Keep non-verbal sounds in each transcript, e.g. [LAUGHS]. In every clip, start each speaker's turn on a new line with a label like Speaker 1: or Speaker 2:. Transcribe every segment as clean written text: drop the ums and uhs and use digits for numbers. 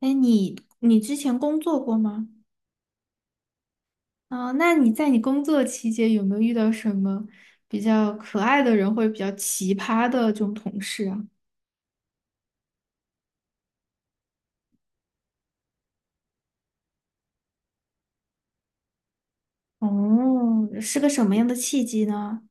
Speaker 1: 哎，你之前工作过吗？啊、那在你工作期间有没有遇到什么比较可爱的人或者比较奇葩的这种同事啊？哦，是个什么样的契机呢？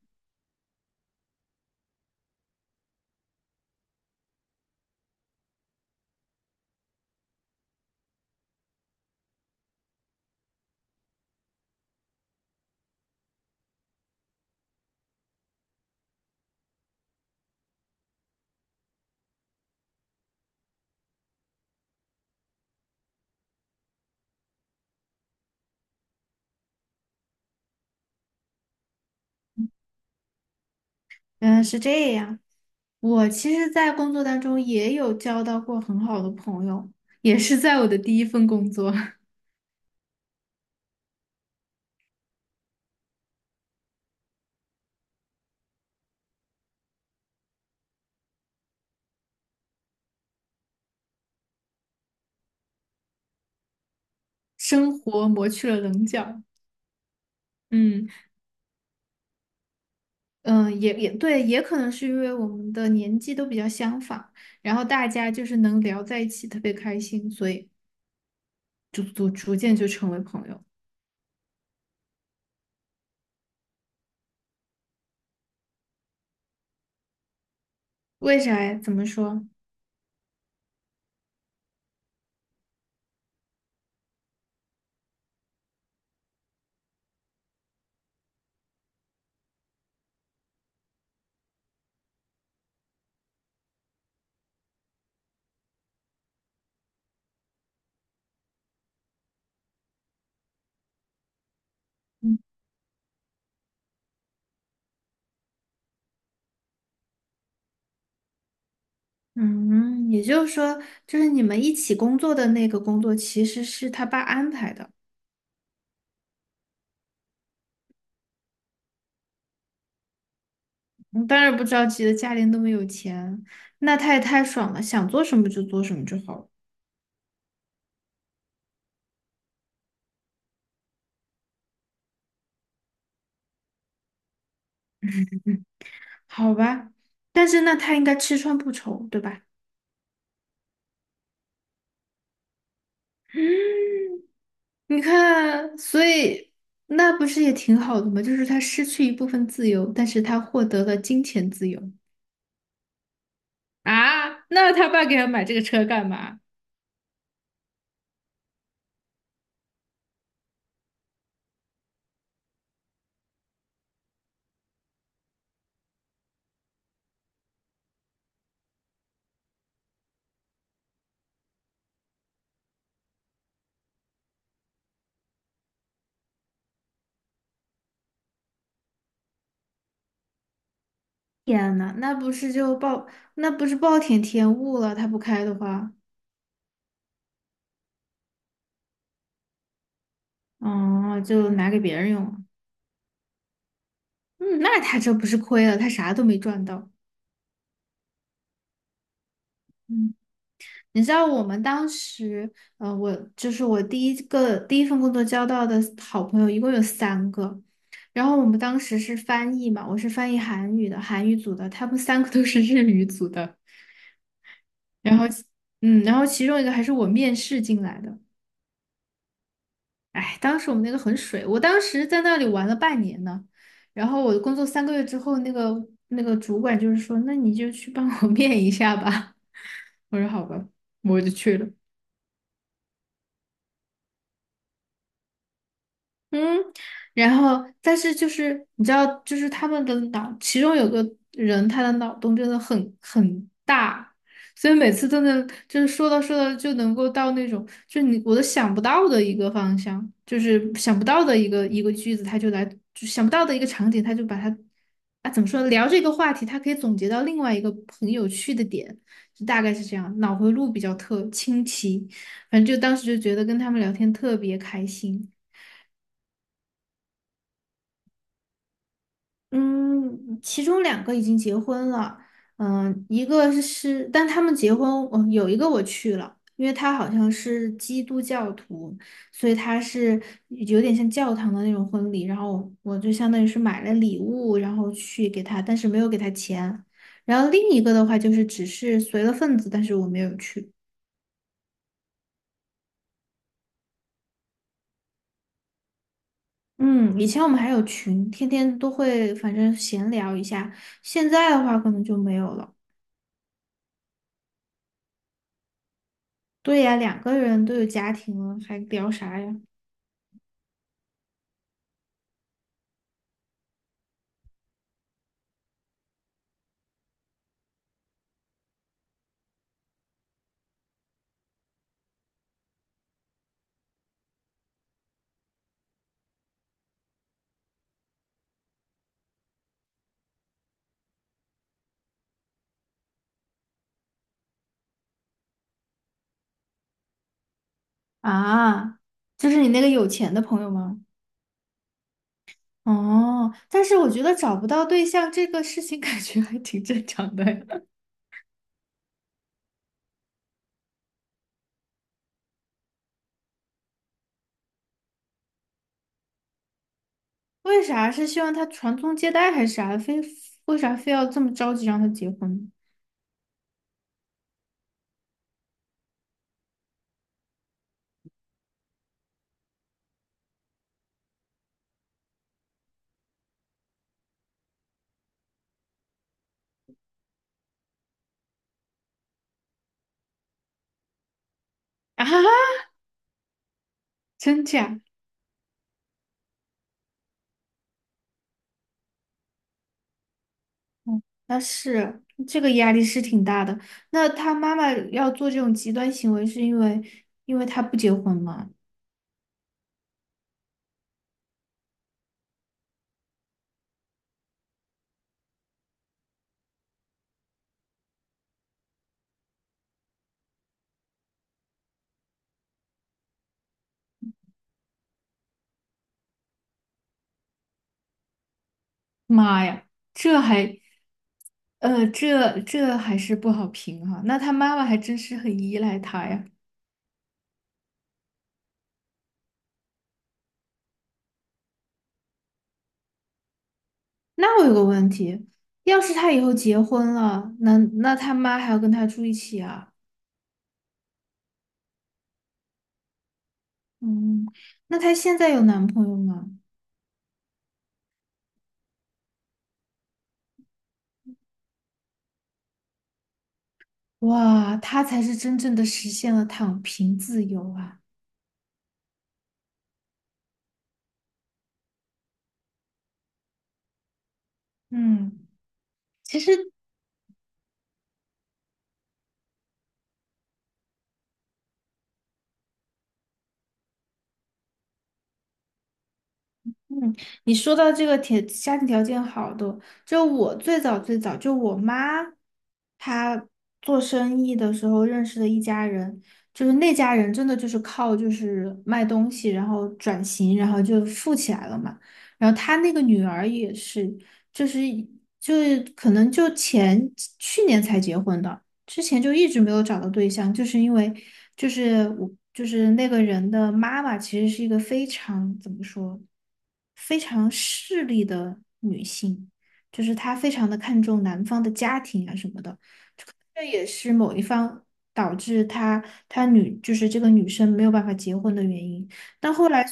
Speaker 1: 嗯，是这样。我其实，在工作当中也有交到过很好的朋友，也是在我的第一份工作。[LAUGHS] 生活磨去了棱角。嗯。嗯，也对，也可能是因为我们的年纪都比较相仿，然后大家就是能聊在一起，特别开心，所以逐渐就成为朋友。为啥呀？怎么说？嗯嗯，也就是说，就是你们一起工作的那个工作，其实是他爸安排的。嗯，当然不着急的，家里那么有钱，那他也太爽了，想做什么就做什么就好了。嗯，好吧，但是那他应该吃穿不愁，对吧？你看，所以那不是也挺好的吗？就是他失去一部分自由，但是他获得了金钱自由啊。那他爸给他买这个车干嘛？天呐，那不是暴殄天物了？他不开的话。哦，就拿给别人用了。嗯，那他这不是亏了？他啥都没赚到。嗯。你知道我们当时，呃，我就是我第一份工作交到的好朋友，一共有三个。然后我们当时是翻译嘛，我是翻译韩语的，韩语组的，他们三个都是日语组的。然后，嗯，然后其中一个还是我面试进来的。哎，当时我们那个很水，我当时在那里玩了半年呢。然后我工作3个月之后，那个主管就是说，那你就去帮我 [LAUGHS] 面一下吧。我说好吧，我就去了。嗯，然后但是就是你知道，就是他们的脑，其中有个人他的脑洞真的很大，所以每次都能就是说到说到就能够到那种就是你我都想不到的一个方向，就是想不到的一个句子，他就来就想不到的一个场景，他就把它啊怎么说聊这个话题，他可以总结到另外一个很有趣的点，就大概是这样，脑回路比较特清奇，反正就当时就觉得跟他们聊天特别开心。嗯，其中两个已经结婚了。嗯，一个是，但他们结婚，我有一个我去了，因为他好像是基督教徒，所以他是有点像教堂的那种婚礼，然后我就相当于是买了礼物，然后去给他，但是没有给他钱。然后另一个的话就是只是随了份子，但是我没有去。嗯，以前我们还有群，天天都会反正闲聊一下，现在的话可能就没有了。对呀，2个人都有家庭了，还聊啥呀？啊，就是你那个有钱的朋友吗？哦，但是我觉得找不到对象这个事情 [LAUGHS]，感觉还挺正常的呀。[LAUGHS] 为啥是希望他传宗接代还是啥？非为啥非要这么着急让他结婚 [LAUGHS] 啊？真假？嗯，那是，这个压力是挺大的。那他妈妈要做这种极端行为，是因为他不结婚吗？妈呀，这还，这还是不好评哈、那他妈妈还真是很依赖他呀。那我有个问题，要是他以后结婚了，那他妈还要跟他住一起啊？嗯，那他现在有男朋友吗？哇，他才是真正的实现了躺平自由啊。嗯。其实。嗯，你说到这个家庭条件好的，就我最早就我妈，她做生意的时候认识的一家人，就是那家人真的就是靠就是卖东西，然后转型，然后就富起来了嘛。然后她那个女儿也是，就是就是可能去年才结婚的，之前就一直没有找到对象，就是因为就是我就是那个人的妈妈，其实是一个非常怎么说，非常势利的女性，就是她非常的看重男方的家庭啊什么的，这也是某一方导致她女就是这个女生没有办法结婚的原因。但后来。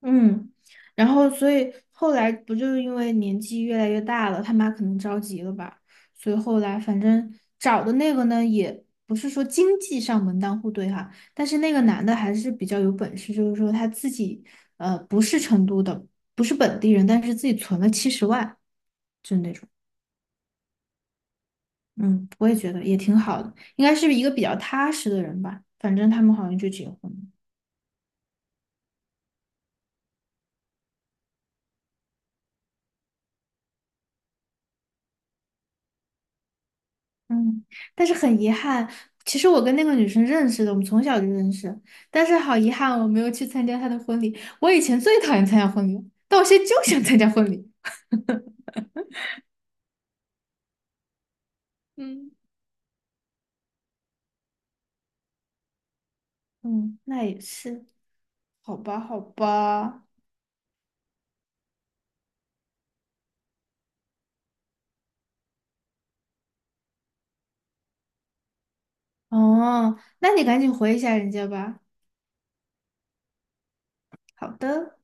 Speaker 1: 嗯，然后所以后来不就是因为年纪越来越大了，他妈可能着急了吧，所以后来反正找的那个呢，也不是说经济上门当户对哈，但是那个男的还是比较有本事，就是说他自己不是成都的，不是本地人，但是自己存了70万，就那种。嗯，我也觉得也挺好的，应该是一个比较踏实的人吧，反正他们好像就结婚了。嗯，但是很遗憾，其实我跟那个女生认识的，我们从小就认识，但是好遗憾，我没有去参加她的婚礼。我以前最讨厌参加婚礼了但我现在就想参加婚礼 [LAUGHS]。嗯，嗯，那也是，好吧，好吧。哦，那你赶紧回一下人家吧。好的。